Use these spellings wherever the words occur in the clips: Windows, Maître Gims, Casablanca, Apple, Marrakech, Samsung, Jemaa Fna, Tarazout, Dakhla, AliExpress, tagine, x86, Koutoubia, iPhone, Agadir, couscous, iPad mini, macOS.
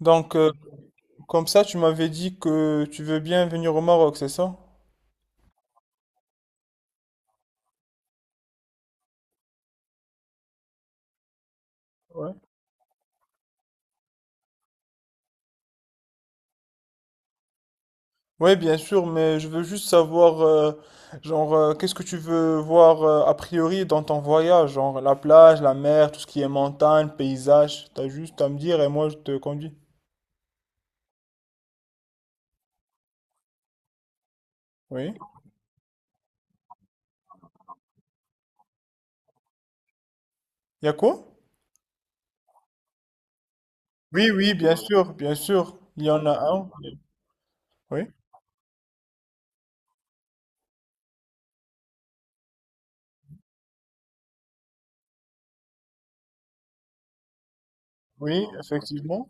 Donc, euh, Comme ça, tu m'avais dit que tu veux bien venir au Maroc, c'est ça? Ouais. Oui, bien sûr, mais je veux juste savoir, genre, qu'est-ce que tu veux voir a priori dans ton voyage, genre la plage, la mer, tout ce qui est montagne, paysage. T'as juste à me dire et moi je te conduis. Oui. Y a quoi? Oui, oui, bien sûr, bien sûr. Il y en a un. Oui, oui, effectivement.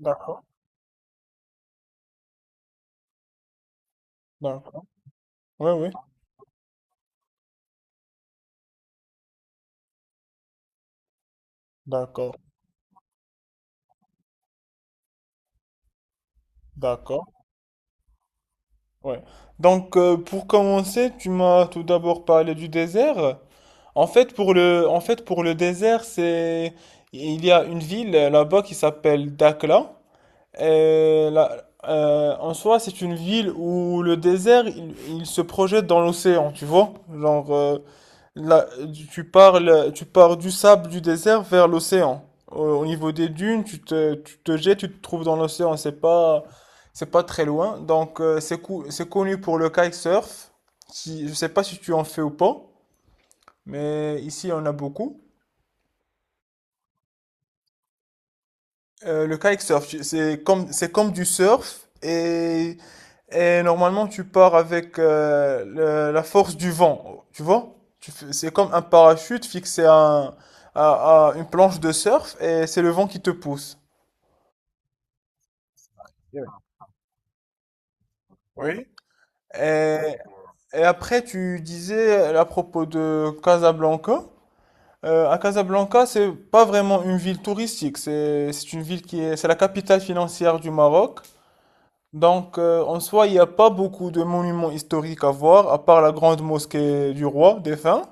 D'accord, d'accord. Oui, oui, d'accord, d'accord. Ouais. Pour commencer, tu m'as tout d'abord parlé du désert. En fait, pour le désert, il y a une ville là-bas qui s'appelle Dakhla. Et là, en soi, c'est une ville où le désert, il se projette dans l'océan, tu vois? Genre, euh, Là, Tu parles, tu pars du sable du désert vers l'océan. Au niveau des dunes, tu te jettes, tu te trouves dans l'océan. C'est pas très loin. Donc, c'est connu pour le kitesurf. Qui, je sais pas si tu en fais ou pas, mais ici, on a beaucoup. Le kitesurf, c'est c'est comme du surf et normalement, tu pars avec la force du vent, tu vois? C'est comme un parachute fixé à une planche de surf et c'est le vent qui te pousse. Oui. Et, et après, tu disais à propos de Casablanca. À Casablanca, c'est pas vraiment une ville touristique. C'est une ville qui est, c'est la capitale financière du Maroc. Donc, en soi, il n'y a pas beaucoup de monuments historiques à voir, à part la grande mosquée du roi défunt.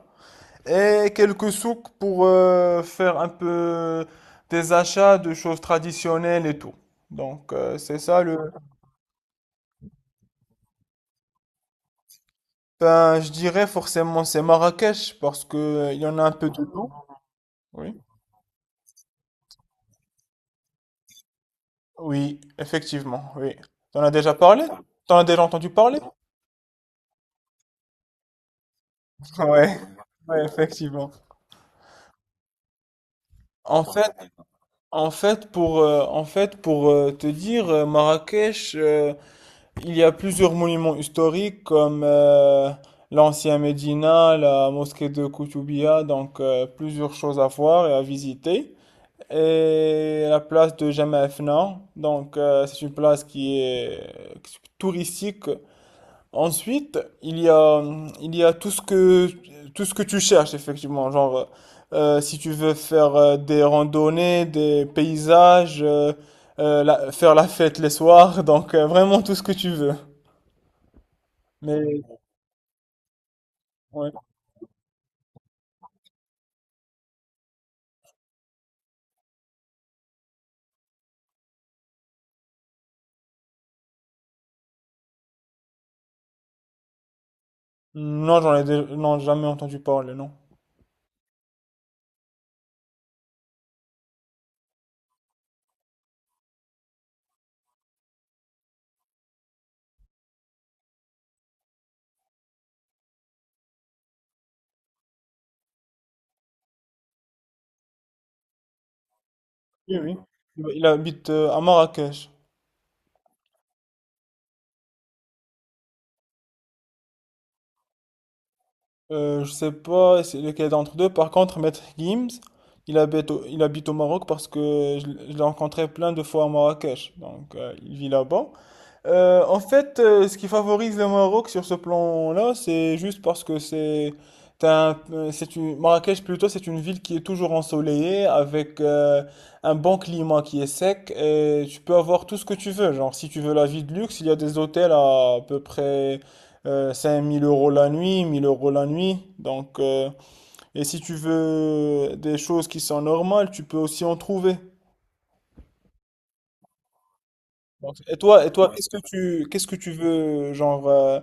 Et quelques souks pour faire un peu des achats de choses traditionnelles et tout. Donc, c'est ça le... Ben, je dirais forcément c'est Marrakech parce que il y en a un peu de tout. Oui. Oui, effectivement, oui. T'en as déjà parlé? T'en as déjà entendu parler? Ouais. Ouais, effectivement. En fait, en fait, pour te dire, Marrakech, il y a plusieurs monuments historiques comme l'ancien Médina, la mosquée de Koutoubia, donc plusieurs choses à voir et à visiter. Et la place de Jemaa Fna, donc c'est une place qui est touristique. Ensuite, il y a tout ce que tu cherches effectivement, genre, si tu veux faire des randonnées, des paysages, faire la fête les soirs, donc vraiment tout ce que tu veux. Mais ouais. Non, non, jamais entendu parler, non. Oui, oui. Il habite à Marrakech. Je sais pas c'est lequel d'entre deux. Par contre, Maître Gims, il habite au Maroc parce que je l'ai rencontré plein de fois à Marrakech. Donc, il vit là-bas. En fait, ce qui favorise le Maroc sur ce plan-là, c'est juste parce que c'est une Marrakech plutôt, c'est une ville qui est toujours ensoleillée avec un bon climat qui est sec et tu peux avoir tout ce que tu veux. Genre, si tu veux la vie de luxe, il y a des hôtels à peu près 5 000 € la nuit, 1 000 € la nuit. Donc, et si tu veux des choses qui sont normales, tu peux aussi en trouver. Donc, Ouais. Qu'est-ce que qu'est-ce que tu veux, genre, euh,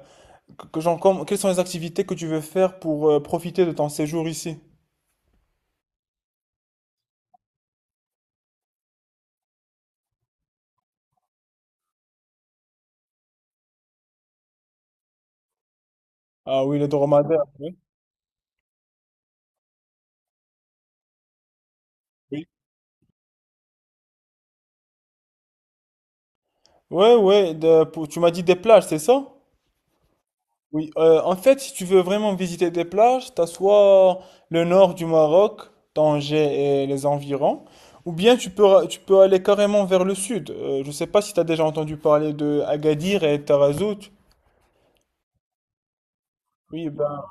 que, que- genre, comme- quelles sont les activités que tu veux faire pour profiter de ton séjour ici? Ah oui, les dromadaires, oui. Oui, ouais, ouais, tu m'as dit des plages, c'est ça? Oui, en fait, si tu veux vraiment visiter des plages, t'as soit le nord du Maroc, Tanger et les environs, ou bien tu peux aller carrément vers le sud. Je sais pas si t'as déjà entendu parler de Agadir et Tarazout. Oui,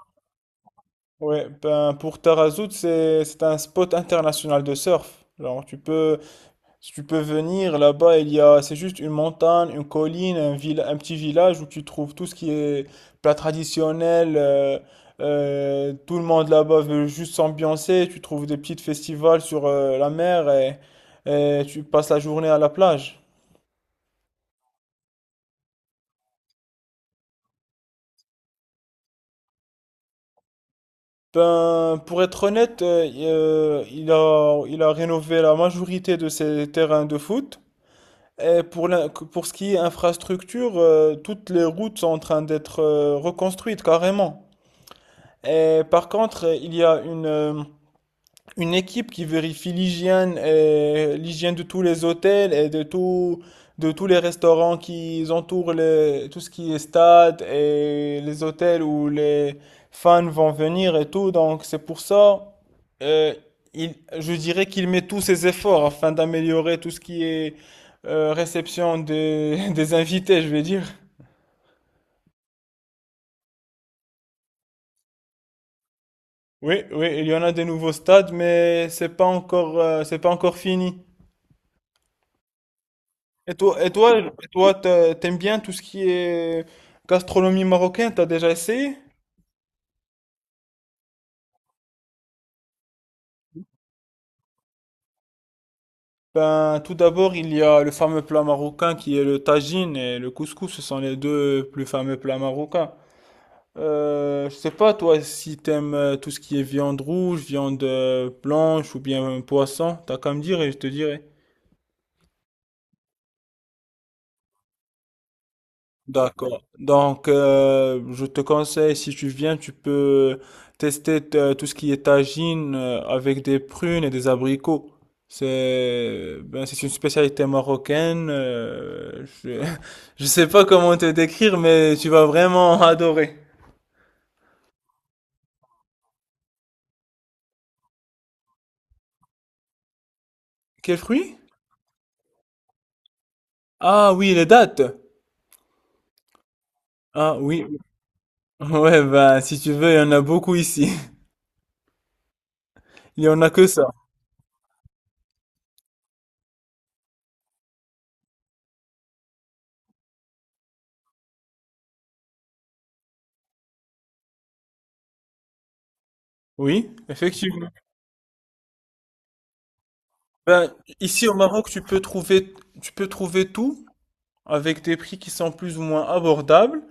ouais, ben, pour Tarazout, c'est un spot international de surf. Alors, si tu peux venir là-bas, il y a, c'est juste une montagne, une colline, un petit village où tu trouves tout ce qui est plat traditionnel. Tout le monde là-bas veut juste s'ambiancer. Tu trouves des petits festivals sur la mer et tu passes la journée à la plage. Ben, pour être honnête, il a rénové la majorité de ses terrains de foot. Et pour ce qui est infrastructure, toutes les routes sont en train d'être reconstruites carrément. Et par contre, il y a une équipe qui vérifie l'hygiène et l'hygiène de tous les hôtels et de tout, de tous les restaurants qui entourent les, tout ce qui est stade et les hôtels où les fans vont venir et tout. Donc, c'est pour ça, euh, je dirais qu'il met tous ses efforts afin d'améliorer tout ce qui est réception des, des invités, je vais dire. Oui, oui, il y en a des nouveaux stades, mais c'est pas encore fini. Et toi, et toi, t'aimes bien tout ce qui est gastronomie marocaine, t'as déjà essayé? Ben, tout d'abord, il y a le fameux plat marocain qui est le tagine et le couscous, ce sont les deux plus fameux plats marocains. Je sais pas, toi, si t'aimes tout ce qui est viande rouge, viande blanche ou bien poisson, t'as qu'à me dire et je te dirai. D'accord. Donc, je te conseille, si tu viens, tu peux tester tout ce qui est tagine avec des prunes et des abricots. C'est une spécialité marocaine. Je je sais pas comment te décrire, mais tu vas vraiment adorer. Quel fruit? Ah oui, les dattes. Ah oui. Ouais, ben, si tu veux, il y en a beaucoup ici. Il y en a que ça. Oui, effectivement. Ben, Ici au Maroc, tu peux trouver tout, avec des prix qui sont plus ou moins abordables.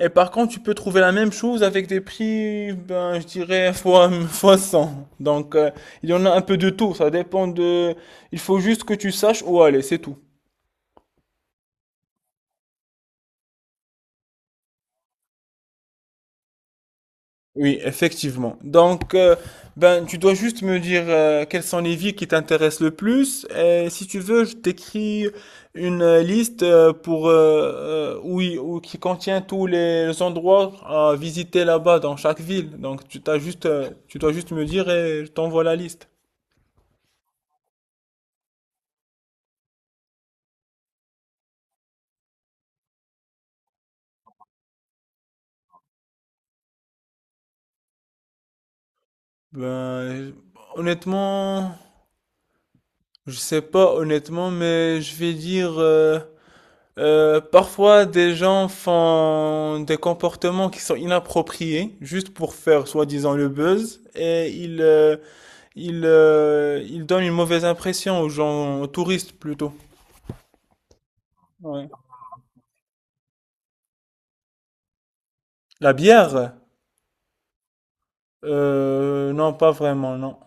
Et par contre, tu peux trouver la même chose avec des prix, ben, je dirais, fois 100. Donc, il y en a un peu de tout. Il faut juste que tu saches où aller, c'est tout. Oui, effectivement. Donc, tu dois juste me dire quelles sont les villes qui t'intéressent le plus. Et si tu veux, je t'écris une liste pour oui, ou qui contient tous les endroits à visiter là-bas dans chaque ville. Donc, tu dois juste me dire et je t'envoie la liste. Ben, honnêtement, je sais pas honnêtement, mais je vais dire. Parfois, des gens font des comportements qui sont inappropriés, juste pour faire soi-disant le buzz, et ils donnent une mauvaise impression aux gens, aux touristes plutôt. Ouais. La bière? Non, pas vraiment, non.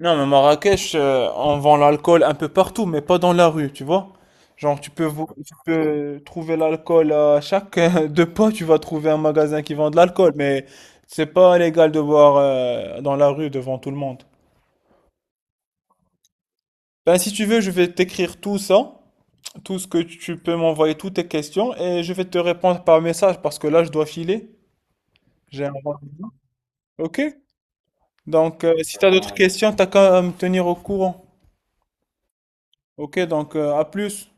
Non, mais Marrakech, on vend l'alcool un peu partout, mais pas dans la rue, tu vois. Genre, tu peux trouver l'alcool à chaque deux pas, tu vas trouver un magasin qui vend de l'alcool, mais c'est pas légal de boire dans la rue devant tout le monde. Ben, si tu veux, je vais t'écrire tout ça, tout ce que tu peux m'envoyer, toutes tes questions, et je vais te répondre par message parce que là, je dois filer. J'ai un rendez-vous. Ok? Donc, si tu as d'autres questions, t'as qu'à me tenir au courant. Ok? Donc, à plus.